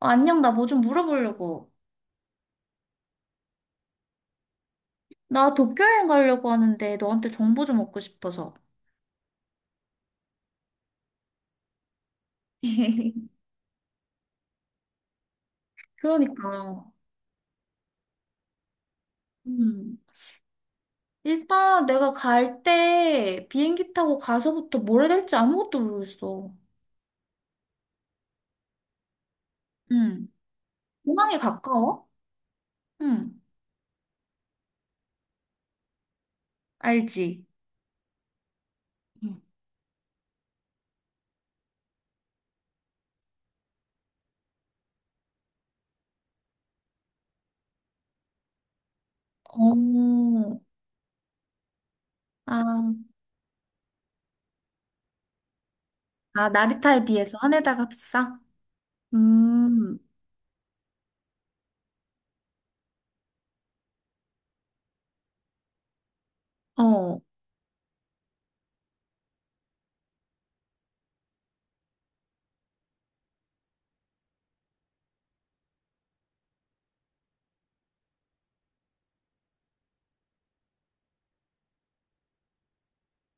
어, 안녕, 나 뭐 좀 물어보려고. 나 도쿄여행 가려고 하는데 너한테 정보 좀 얻고 싶어서. 그러니까. 음. 일단 내가 갈 때 비행기 타고 가서부터 뭘 해야 될지 아무것도 모르겠어. 음. 공항에 가까워? 음. 알지? 음. 어. 아, 아, 나리타에 비해서 하네다가 비싸? 음. 어.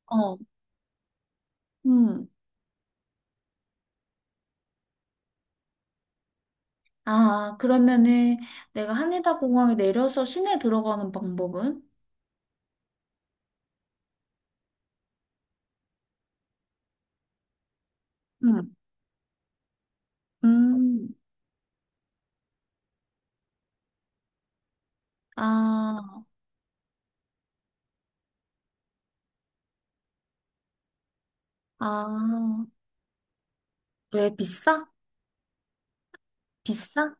어. 음. 아, 그러면은 내가 하네다 공항에 내려서 시내 들어가는 방법은? 응. 음, 아, 아, 왜 비싸? 비싸?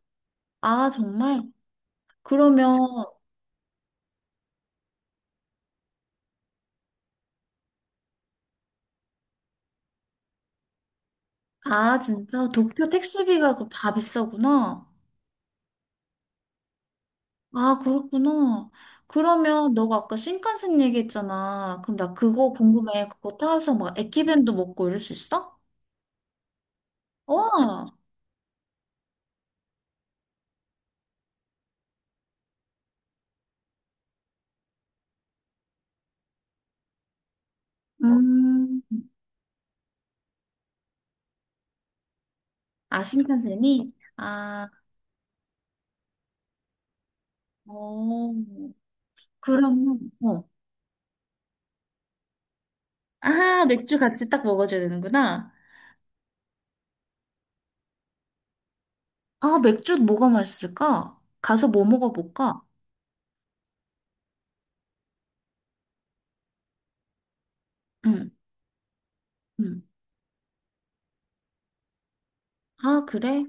아, 정말? 그러면, 아, 진짜 도쿄 택시비가 그럼 다 비싸구나. 아, 그렇구나. 그러면 너가 아까 신칸센 얘기했잖아. 그럼 나 그거 궁금해. 그거 타서 막 에키벤도 먹고 이럴 수 있어? 어, 음, 아, 신칸센이? 아, 어. 그러면, 어. 아, 맥주 같이 딱 먹어줘야 되는구나. 아, 맥주 뭐가 맛있을까? 가서 뭐 먹어볼까? 응, 응. 아, 그래?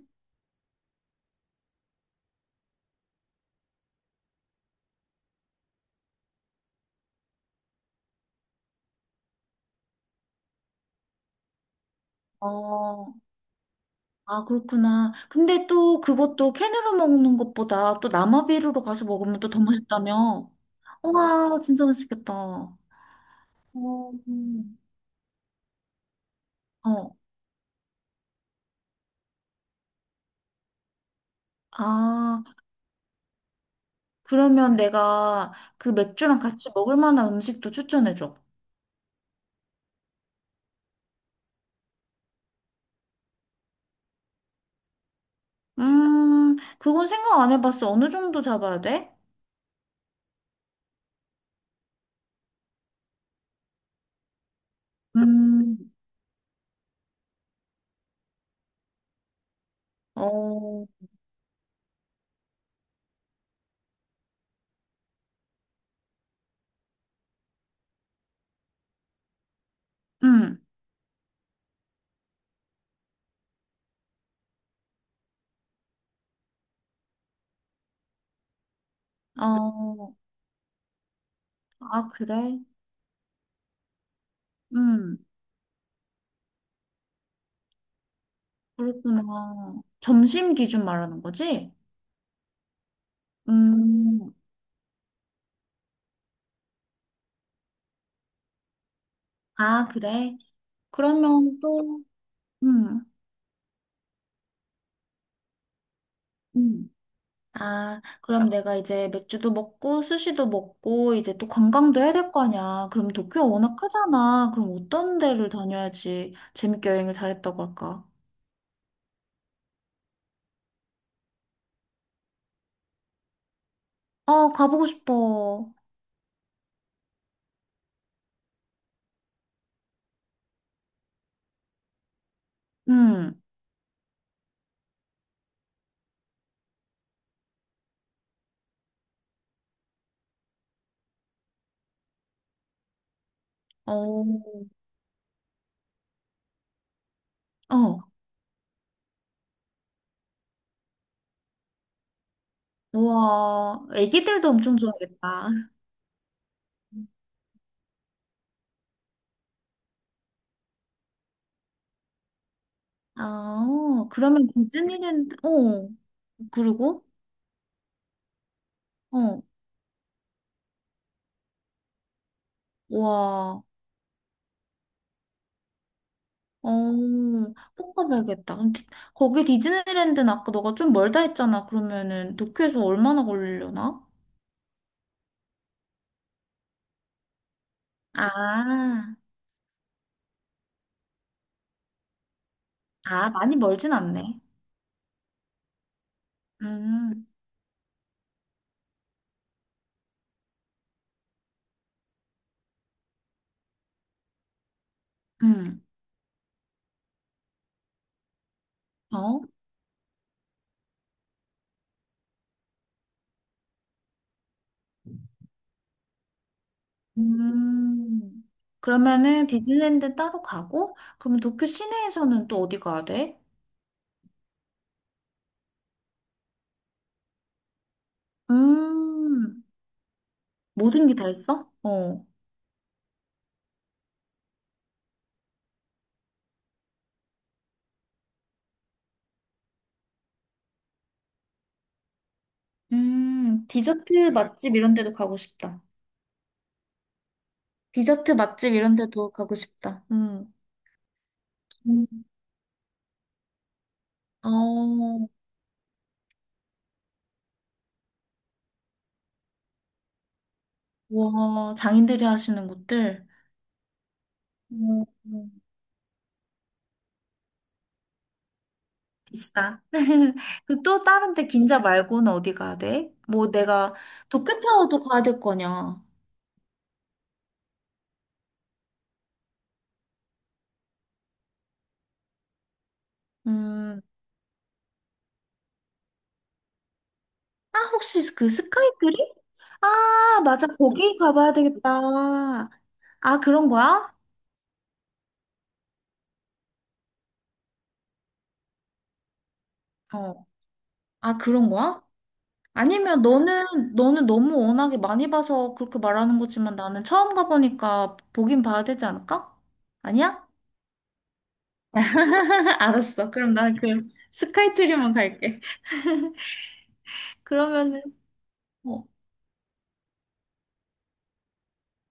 어, 아, 그렇구나. 근데 또 그것도 캔으로 먹는 것보다 또 남아비루로 가서 먹으면 또 더 맛있다며. 와, 진짜 맛있겠다. 어, 음. 어. 아, 그러면 내가 그 맥주랑 같이 먹을 만한 음식도 추천해줘. 그건 생각 안 해봤어. 어느 정도 잡아야 돼? 음, 어, 음, 어, 아, 그래? 음, 그렇구나. 점심 기준 말하는 거지? 음, 아, 그래? 그러면 또, 음, 음. 아, 그럼 내가 이제 맥주도 먹고, 스시도 먹고, 이제 또 관광도 해야 될 거 아니야. 그럼 도쿄 워낙 크잖아. 그럼 어떤 데를 다녀야지 재밌게 여행을 잘했다고 할까? 아, 가보고 싶어. 음, 어, 어. 우와, 애기들도 엄청 좋아하겠다. 아, 어, 그러면 디즈니랜드, 어, 그리고, 어, 와, 어, 꼭 가봐야겠다. 거기 디즈니랜드는 아까 너가 좀 멀다 했잖아. 그러면은 도쿄에서 얼마나 걸리려나? 아, 아, 많이 멀진 않네. 음, 음, 어, 음. 그러면은 디즈니랜드 따로 가고, 그러면 도쿄 시내에서는 또 어디 가야 돼? 음. 모든 게 다 있어? 어. 디저트 맛집 이런 데도 가고 싶다. 디저트 맛집 이런 데도 가고 싶다. 음. 음. 어, 우와, 장인들이 하시는 곳들. 음, 음. 비싸. 그또 다른 데 긴자 말고는 어디 가야 돼? 뭐 내가 도쿄타워도 가야 될 거냐? 음, 아 혹시 그 스카이트리? 아 맞아 거기 가봐야 되겠다. 아 그런 거야? 어. 아, 그런 거야? 아니면 너는, 너는 너무 워낙에 많이 봐서 그렇게 말하는 거지만 나는 처음 가보니까 보긴 봐야 되지 않을까? 아니야? 알았어. 그럼 난 그 스카이트리만 갈게. 그러면은, 어,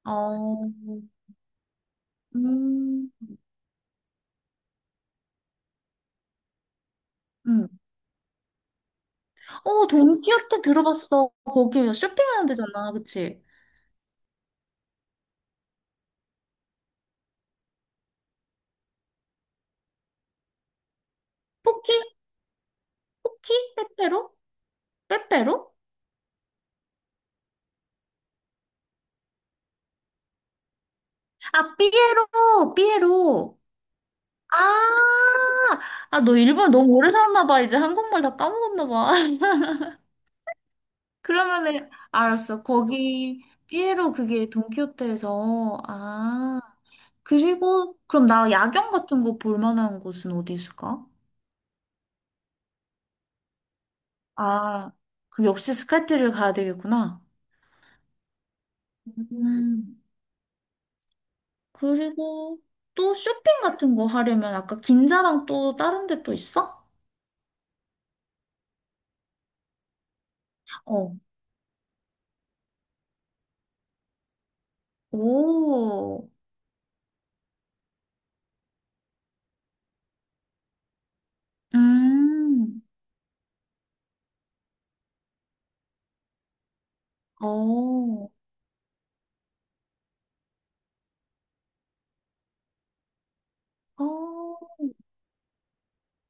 어, 음, 음. 어, 돈키호테 들어봤어. 거기 쇼핑하는 데잖아. 그치? 포키? 포키? 빼빼로? 빼빼로? 아, 삐에로! 삐에로! 아, 아, 너 일본 너무 오래 살았나 봐. 이제 한국말 다 까먹었나 봐. 그러면은 알았어. 거기 피에로 그게 돈키호테에서 아 그리고 그럼 나 야경 같은 거 볼 만한 곳은 어디 있을까? 아 그럼 역시 스카이트를 가야 되겠구나. 음 그리고 또 쇼핑 같은 거 하려면 아까 긴자랑 또 다른 데 또 있어? 어. 오. 음. 어. 어.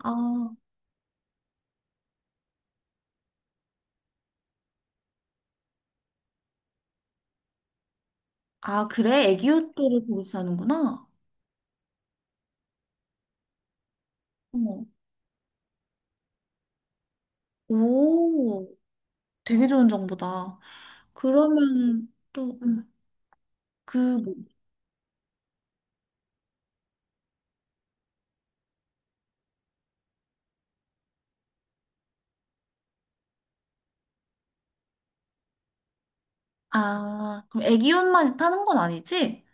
아. 아 그래 애기 옷들을 거기서 사는구나. 어. 오. 되게 좋은 정보다. 그러면 또, 그, 뭐- 아, 그럼 애기옷만 파는 건 아니지?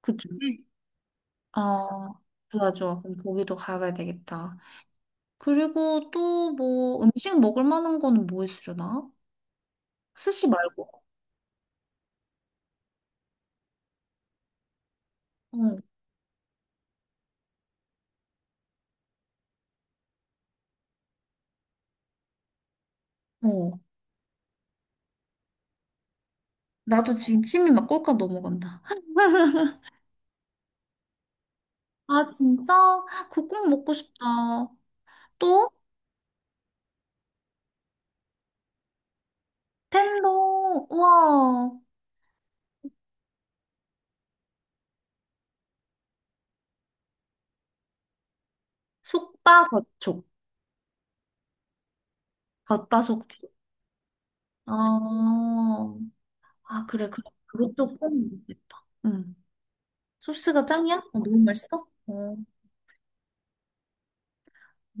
그쪽이? 아 좋아, 좋아. 그럼 거기도 가봐야 되겠다. 그리고 또 뭐 음식 먹을 만한 거는 뭐 있으려나? 스시 말고. 어, 어. 나도 지금 침이 막 꼴깍 넘어간다. 아, 진짜? 그거 꼭 먹고 싶다. 또? 텐도, 우와. 속바 겉촉. 겉바 속촉. 아, 아, 그래, 그래. 그것도 포함이 되겠다. 응. 소스가 짱이야? 어, 너무 맛있어? 어.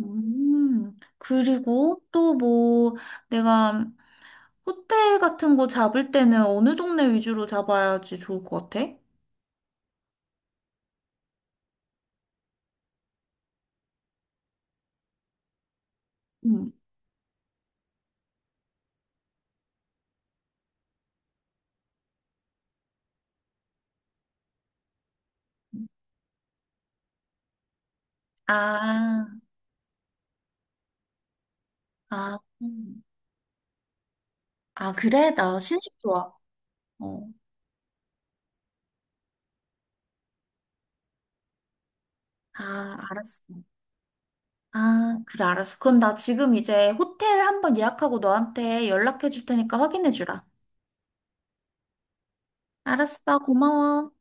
음. 그리고 또 뭐, 내가 호텔 같은 거 잡을 때는 어느 동네 위주로 잡아야지 좋을 것 같아? 응. 아, 아, 아, 그래? 나 신식 좋아. 어. 아, 알았어. 아, 그래, 알았어. 그럼 나 지금 이제 호텔 한번 예약하고 너한테 연락해 줄 테니까 확인해 주라. 알았어, 고마워.